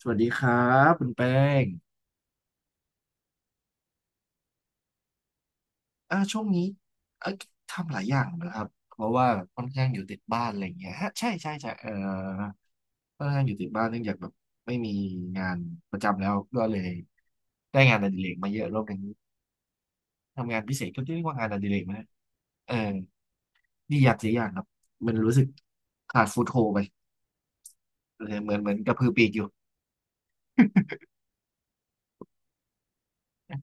สวัสดีครับคุณแป้งช่วงนี้เอ่อทำหลายอย่างนะครับเพราะว่าค่อนข้างอยู่ติดบ้านอะไรอย่างเงี้ยฮะใช่ค่อนข้างอยู่ติดบ้านเนื่องจากแบบไม่มีงานประจำแล้วก็เลยได้งานอดิเรกมาเยอะรอบหนึงทำงานพิเศษก็เรียกว่างานอดิเรกไหมเออดีอย่างเสียอย่างครับมันรู้สึกขาดฟุตโฮไปเออเหมือนกระพือปีกอยู่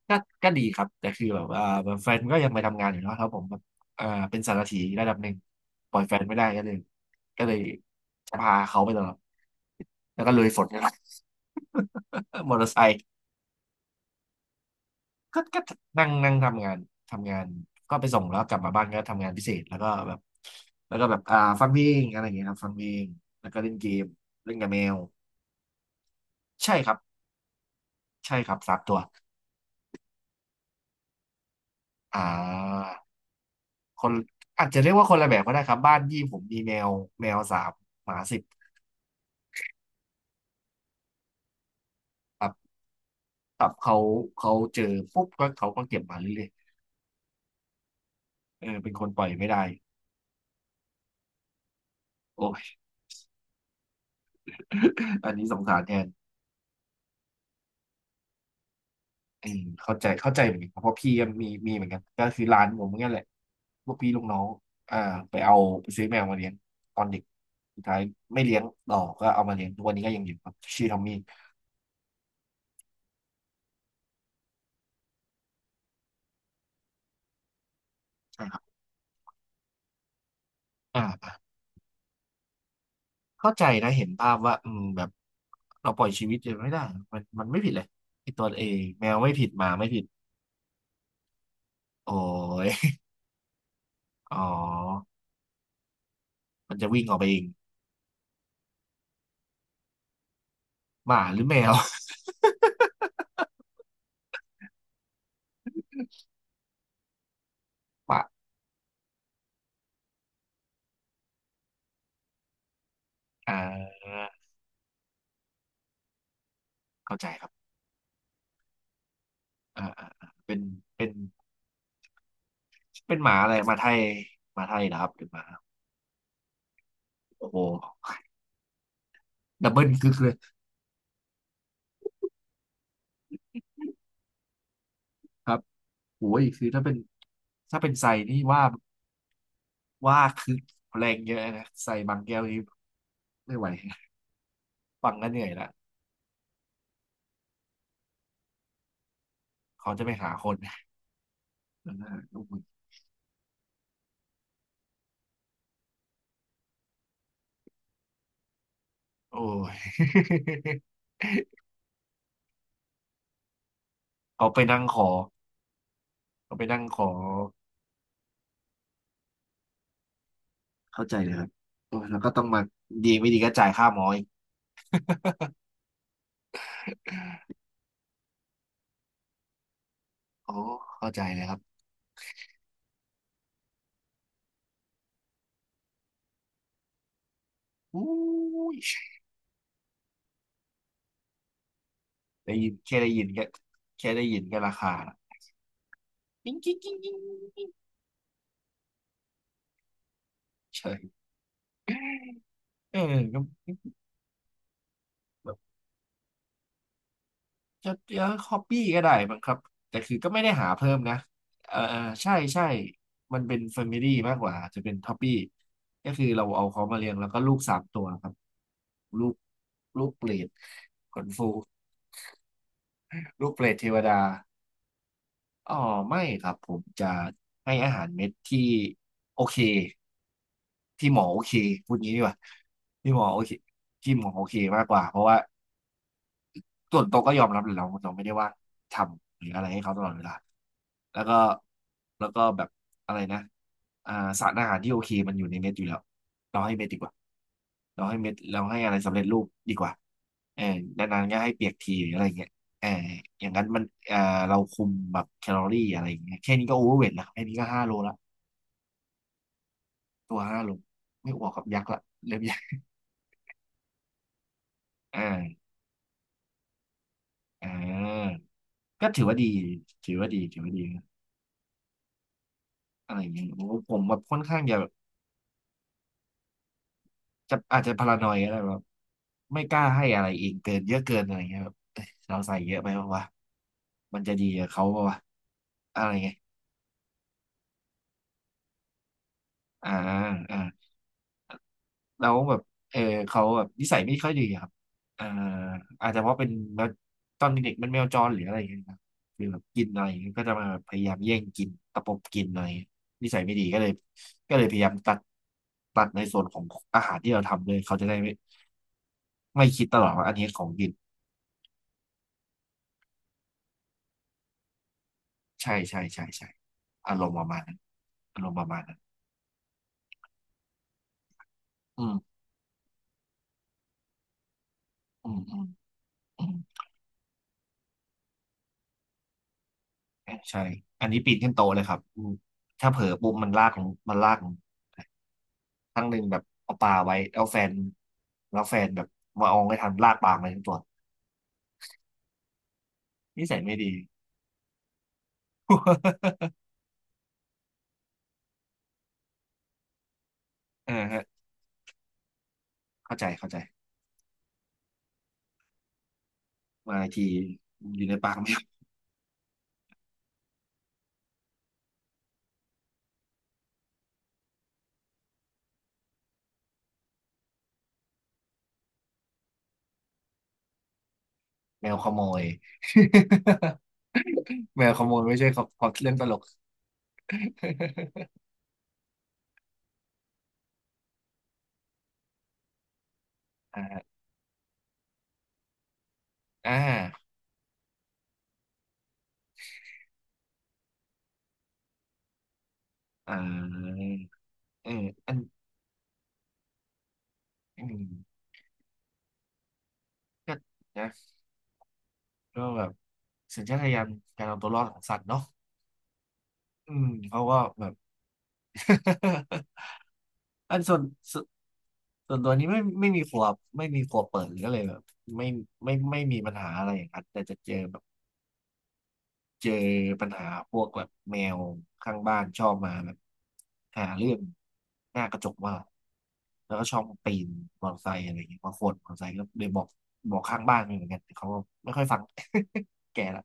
ก็ก็ดีครับแต่คือแบบว่าแฟนก็ยังไปทำงานอยู่เนาะแล้วผมแบบเอ่อเป็นสารถีระดับหนึ่งปล่อยแฟนไม่ได้ก็เลยพาเขาไปตลอดแล้วก็ลุยฝนกัน มอเตอร์ไซค์ก็นั่งนั่งทำงานทำงานก็ไปส่งแล้วกลับมาบ้านก็ทำงานพิเศษแล้วก็แบบแล้วก็แบบฟังเพลงอะไรอย่างเงี้ยครับฟังเพลงแล้วก็เล่นเกมเล่นกับแมวใช่ครับใช่ครับสามตัวอ่า คนอาจจะเรียกว่าคนละแบบก็ได้ครับบ้านยี่ผมมีแมวแมว 3 หมา 10ครับตับเขาเขาเจอปุ๊บก็เขาก็เก็บมาเรื่อยๆเออเป็นคนปล่อยไม่ได้โอ้ย อันนี้สงสารแทนอืมเข้าใจเข้าใจเหมือนกันครับเพราะพี่ก็มีเหมือนกันก็คือร้านผมเหมือนกันแหละพวกพี่ลูกน้องอ่าไปเอาไปซื้อแมวมาเลี้ยงตอนเด็กสุดท้ายไม่เลี้ยงต่อก็เอามาเลี้ยงทุกวันนี้ก็ยังอยู่ครับชื่อทอมมี่ใช่ครับอ่า เข้าใจนะเห็นภาพว่าอืมแบบเราปล่อยชีวิตยังไม่ได้มันไม่ผิดเลยไอตัวเองแมวไม่ผิดหมาไม่ผิดโอ้ยอ๋อมันจะวิ่งออกไปเองหมาหรือแมว หมาอ่าเข้าใจครับอ่าอ่าอ่าเป็นเป็นเป็นหมาอะไรหมาไทยหมาไทยนะครับหรือหมาโอ้โหดับเบิลคึกเลยครับโอ้ยคือถ้าเป็นไซนี่ว่าคึกแรงเยอะนะไซบางแก้วนี่ไม่ไหวฟังก็เหนื่อยละเขาจะไปหาคน โอ้ย เขาไปนั่งขอเขาไปนั่งขอเข้าใจเลยครับโอ้ยแล้วก็ต้องมาดีไม่ดีก็จ่ายค่าหมออีก โอ้เข้าใจเลยครับอ้ยได้ยินแค่ได้ยินก็ราคาละกิ้งกิ้งกิ้งกิ้งกิ้งใช่เออ จะเรีอปปี้ก็ได้มั้งครับแต่คือก็ไม่ได้หาเพิ่มนะเออเออใช่มันเป็น f ฟมิลี่มากกว่าจะเป็นฮอปปี้ก็คือเราเอาเขามาเลี้ยงแล้วก็ลูก 3 ตัวครับลูกลูกเปรตขนฟูลูกเปรตเทวดาอ๋อไม่ครับผมจะให้อาหารเม็ดที่โอเคที่หมอโอเคพูดงี้ดีกว่าที่หมอโอเคที่หมอโอเคมากกว่าเพราะว่า ส่วนตัวก็ยอมรับเลยเราไม่ได้ว่าทำหรืออะไรให้เขาตลอดเวลาแล้วก็แล้วก็แบบอะไรนะอ่าสารอาหารที่โอเคมันอยู่ในเม็ดอยู่แล้วเราให้เม็ดดีกว่าเราให้เม็ดเราให้อะไรสำเร็จรูปดีกว่าเออนานๆก็ให้เปียกทีหรืออะไรเงี้ยเอออย่างนั้นมันเราคุมแบบแคลอรี่อะไรอย่างเงี้ยแค่นี้ก็โอเวอร์เวทละแค่นี้ก็ห้าโลละตัว 5 โลไม่อ้วกกับยักษ์ละเริ่มยักษ์อ่าอ่าก็ถือว่าดีถือว่าดีนะอะไรอย่างเงี้ยผมแบบค่อนข้างจะอาจจะพารานอยก็ได้แบบไม่กล้าให้อะไรเองเกินเยอะเกินอะไรเงี้ยแบบเอ้ยเราใส่เยอะไปปะวะมันจะดีกับเขาปะวะอะไรเงี้ยอ่าอ่าเราแบบเออเขาแบบนิสัยไม่ค่อยดีอะครับอ่าอาจจะเพราะเป็นแมวตอนเด็กๆมันแมวจรหรืออะไรเงี้ยครับคือแบบกินอะไรเงี้ยก็จะมาพยายามแย่งกินตะปบกินอะไรเงี้ยนิสัยไม่ดีก็เลยพยายามตัดในส่วนของอาหารที่เราทำเลยเขาจะได้ไม่คิดตลอดว่าอันนี้ของกิน ใช่อารมณ์ประมาณนั้นอารมณ์ประมาณนั้นอืมอืมอืมอืมใช่อันนี้ปีนขึ้นโตะเลยครับอืมถ้าเผลอปุ๊บมันลากของครั้งหนึ่งแบบเอาปลาไว้แล้วแฟนแบบมาอองไม่ทันลากปลามาทั้งตัวนิสัยไม่ดี เออฮะเข้าใจเข้าใจมางทีอยู่ในปากแมวแมวขโมย แมวขโมยไม่ใช่ของของเรื่องตลก อ่าอ่าอ่าเอออันอืม ก็นะก็แบบสัญชาตญาณการเอาตัวรอดของสัตว์เนาะอืมเขาก็แบบ อันส่วนส่วนส่วนตัวนี้ไม่ไม่มีครัวไม่มีครัวเปิดก็เลยแบบไม่ไม่ไม่มีปัญหาอะไรอย่างนั้นแต่จะเจอแบบเจอปัญหาพวกแบบแมวข้างบ้านชอบมาแบบหาเรื่องหน้ากระจกว่านแล้วก็ชอบปีนมอเตอร์ไซค์อะไรอย่างเงี้ยมาขวนมอเตอร์ไซค์ก็เลยบอกบอกข้างบ้านไปเหมือนกันแต่เขาก็ไม่ค่อยฟัง แก่ละ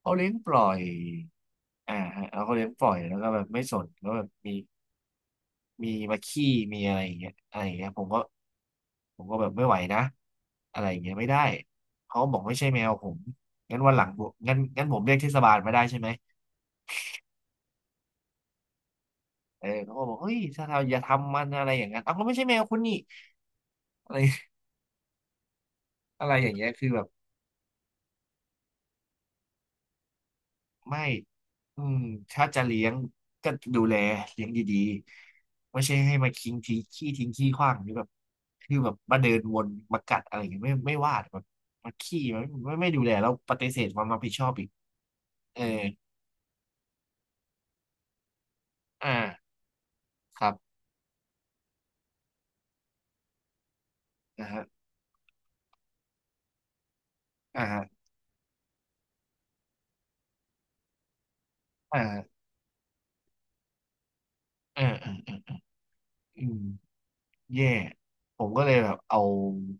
เขาเลี้ยงปล่อยอ่าฮะแล้วเขาเลี้ยงปล่อยแล้วก็แบบไม่สนแล้วแบบมีมีมาขี้มีอะไรอย่างเงี้ยอะไรอย่างเงี้ยผมก็ผมก็แบบไม่ไหวนะอะไรอย่างเงี้ยไม่ได้เขาก็บอกไม่ใช่แมวผมงั้นวันหลังผมงั้นงั้นผมเรียกเทศบาลมาได้ใช่ไหมเออเขาก็บอกเฮ้ยถ้าเราอย่าทำมันอะไรอย่างนั้นเอาก็ไม่ใช่แมวคุณนี่อะไรอะไรอย่างเงี้ยคือแบบ ไม่อืมถ้าจะเลี้ยงก็ดูแลเลี้ยงดีๆไม่ใช่ให้มาทิ้งทีขี้ทิ้งขี้ขว้างหรือแบบคือแบบมาเดินวนมากัดอะไรอย่างเงี้ยไม่ไม่ว่าแต่แบบมาขี้ไมไม่ไม่ดูแลแล้วปฏิเสธความรับผิดชอบอีกเอออ่าครับนะฮะอ่าฮะอ่าฮะเออเออเอออืมแย่ผมก็เลยแบบเอา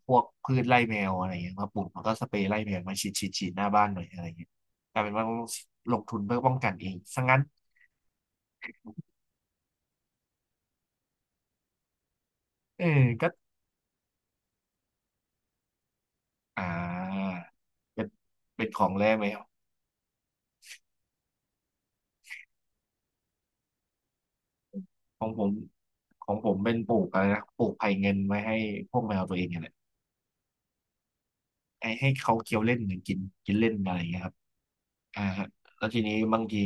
พวกพืชไล่แมวอะไรเงี้ยมาปลูกแล้วก็สเปรย์ไล่แมวมาฉีดฉีดฉีดหน้าบ้านหน่อยอะไรเงี้ยกลายเป็นว่าต้องลงทุนเพื่อป้องกันเองซะงั้นเออก็ อ่าเป็นเป็นของแร่แมวของผมของผมเป็นปลูกอะไรนะปลูกไผ่เงินไว้ให้พวกแมวตัวเองเนี่ยแหละให้ให้เขาเคี้ยวเล่นหรือกินกินเล่นอะไรอย่างเงี้ยครับอ่าฮะแล้วทีนี้บางที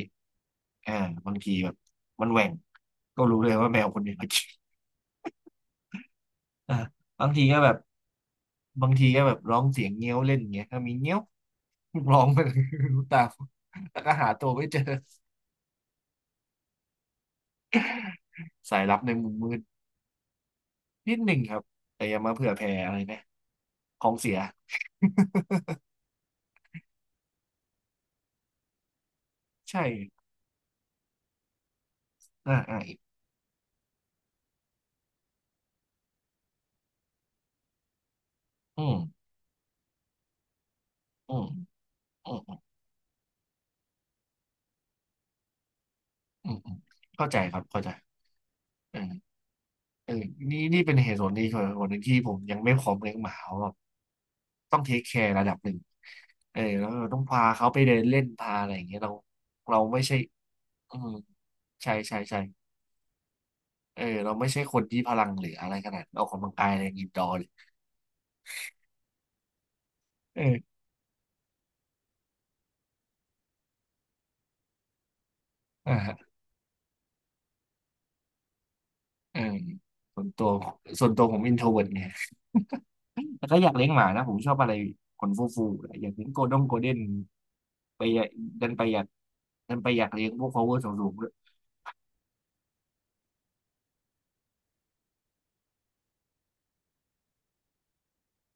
อ่าบางทีแบบมันแหว่งก็รู้เลยว่าแมวคนนี้มากิน อ่าบางทีก็แบบบางทีก็แบบร้องเสียงเงี้ยวเล่นอย่างเงี้ยถ้ามีเงี้ยวร้องไปเลย รู้ตามแล้วก็หาตัวไม่เจอสายลับในมุมมืดนิดหนึ่งครับแต่อย่ามาเผื่อแผ่อะไรนะของเสีย ใช่อ่าอ่าอีกอืมอืมอืมอืม อืม เข้าใจครับ เข้าใจเออเออนี่นี่เป็นเหตุผลที่คนคนหนึ่งที่ผม ยังไม่พร้อมเลี้ยงหมาเพราะแบบต้องเทคแคร์ระดับหนึ่ง เออแล้วเราต้องพาเขาไปเดินเล่น พาอะไรอย่างเงี้ยเราเราไม่ใช่อืมใช่ใช่ ใช่เออเราไม่ใช่คนที่พลัง หรืออะไรขนาดออกกำลังกายอะไรอย่างนี้ดอร์เลยเอออ่าฮะเออส่วนตัว ส่วนตัวผมอินโทรเวิร์ไง แต่ก็อยากเลี้ยงหมานะผมชอบอะไรขนฟูๆอยากเลี้ยงโกลด้งโกลเด้นไปอยากดันไปอยากดันไปอยากเลี้ยงพวก power สูงๆด้วย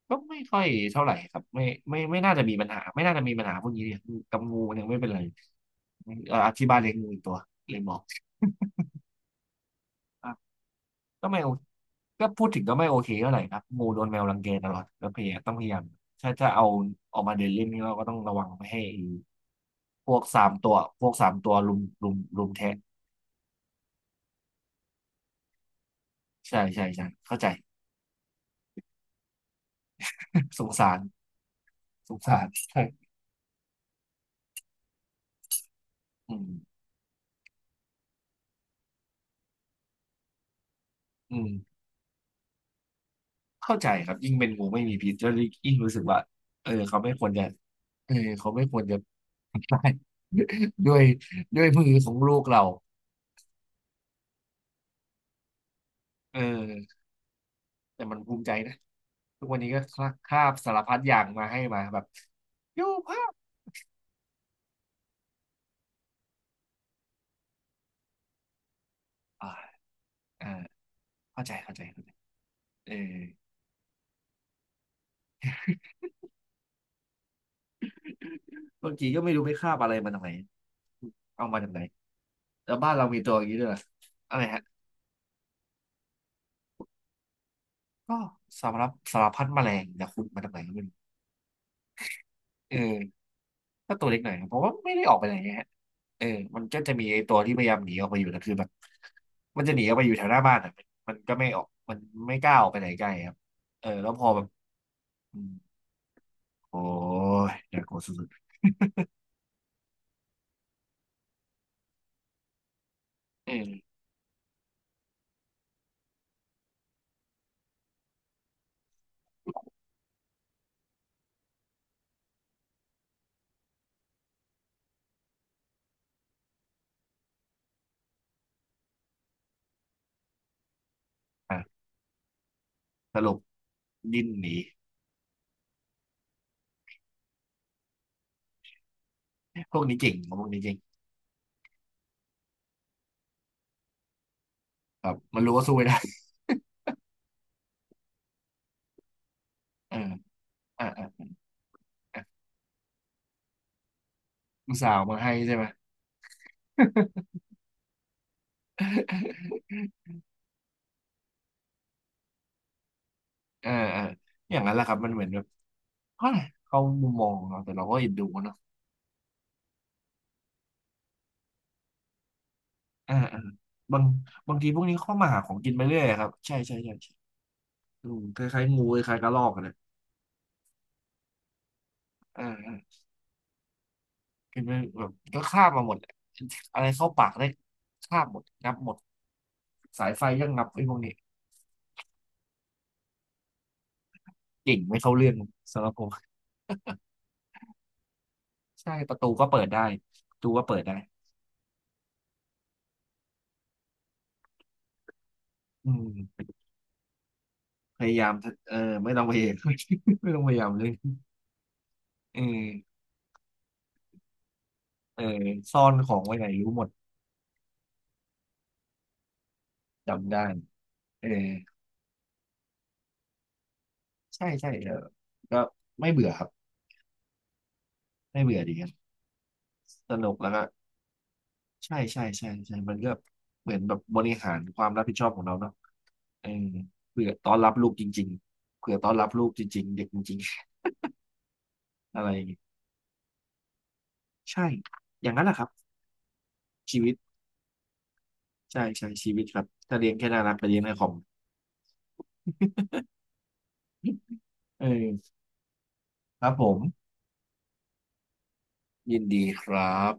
ก็ไม่ค่อยเท่าไหร่ครับไม่ไม่ไม่น่าจะมีปัญหาไม่น่าจะมีปัญหาพวกนี้เนี่ยกับงูยังไม่เป็นไรธิบายเลี้ยงงูอีกตัวเลยบอกอ่ะก็ไม่โอก็พูดถึงก็ไม่โอเคเท่าไหร่ครับงูโดนแมวรังแกตลอดแล้วพยายามต้องพยายามถ้าจะเอาออกมาเดินเล่นนี่เราก็ต้องระวังไม่ให้พวกสามตัวพวกสามตัวลุมลุมลุมแทะใช่ใช่ใช่เข้าใจ สงสารสงสาร ใช่อืมอืมเข้าใจครับยิ่งเป็นงูไม่มีพิษแล้วยิ่งรู้สึกว่าเออเขาไม่ควรจะเออเขาไม่ควรจะ ตายด้วยด้วยมือของลูกเราเออแต่มันภูมิใจนะทุกวันนี้ก็คลาคาบสารพัดอย่างมาให้มาแบบยูภาพอ่าอ่าเข้าใจเข้าใจเข้าใจเออบางที้ก็ไม่รู้ไปคาบอะไรมาจากไหนเอามาจากไหนแล้วบ้านเรามีตัวอย่างนี้ด้วยเหรออะไรฮะก็สารพัดสารพัดแมลงจากคุณมาจากไหนก็ไม่รู้เออ ถ้าตัวเล็กหน่อยนะเพราะว่าไม่ได้ออกไปไหนไงฮะเออมันก็จะมีไอ้ตัวที่พยายามหนีออกไปอยู่แต่คือแบบมันจะหนีออกไปอยู่แถวหน้าบ้านอ่ะมันมันก็ไม่ออกมันไม่กล้าออกไปไหนไกลครับเออแล้วพอแบบอืมโอ้ยอากลัวสุดๆเอออ่ะสรุปดิ้นหนีพวกนี้เก่งพวกนี้เก่งแบบมันรู้ว่าสู้ไม่ได้เอออ่ะอ่ะอ่ะอุตส่าห์เอามาให้ใช่ไหม เออเอออย่างนั้นแหละครับมันเหมือนแบบเฮ้ยเขามุมมองของเราแต่เราก็เอ็นดูเนอะ อ่าอ่าบางบางทีพวกนี้เข้ามาหาของกินไปเรื่อยครับใช่ใช่ใช่ใช่อืมคล้ายๆงูคล้ายๆกระรอกอะนะอ่าอ่ากินไปแบบก็คาบมาหมดอะอะไรเข้าปากได้คาบหมดงับหมดสายไฟก็งับไอ้พวกนี้เก่งไม่เข้าเรื่องสำหรับผมใช่ประตูก็เปิดได้ประตูก็เปิดได้อืมพยายามเออไม่ต้องพยายาม ไม่ต้องพยายามเลยเออเออซ่อนของไว้ไหนรู้หมดจำได้เออใช่ใช่เออก็ไม่เบื่อครับไม่เบื่อดีครับ สนุกแล้วก็ใช่ใช่ใช่ใช่มันก็เหมือนแบบบริหารความรับผิดชอบของเราเนาะเออเผื่อต้อนรับลูกจริงๆเผื่อต้อนรับลูกจริงๆเด็กจริงๆอะไรอย่างงี้ใช่อย่างนั้นแหละครับชีวิตใช่ใช่ชีวิตครับถ้าเลี้ยงแค่น่ารักไปเลี้ยงในคอมเออครับผมยินดีครับ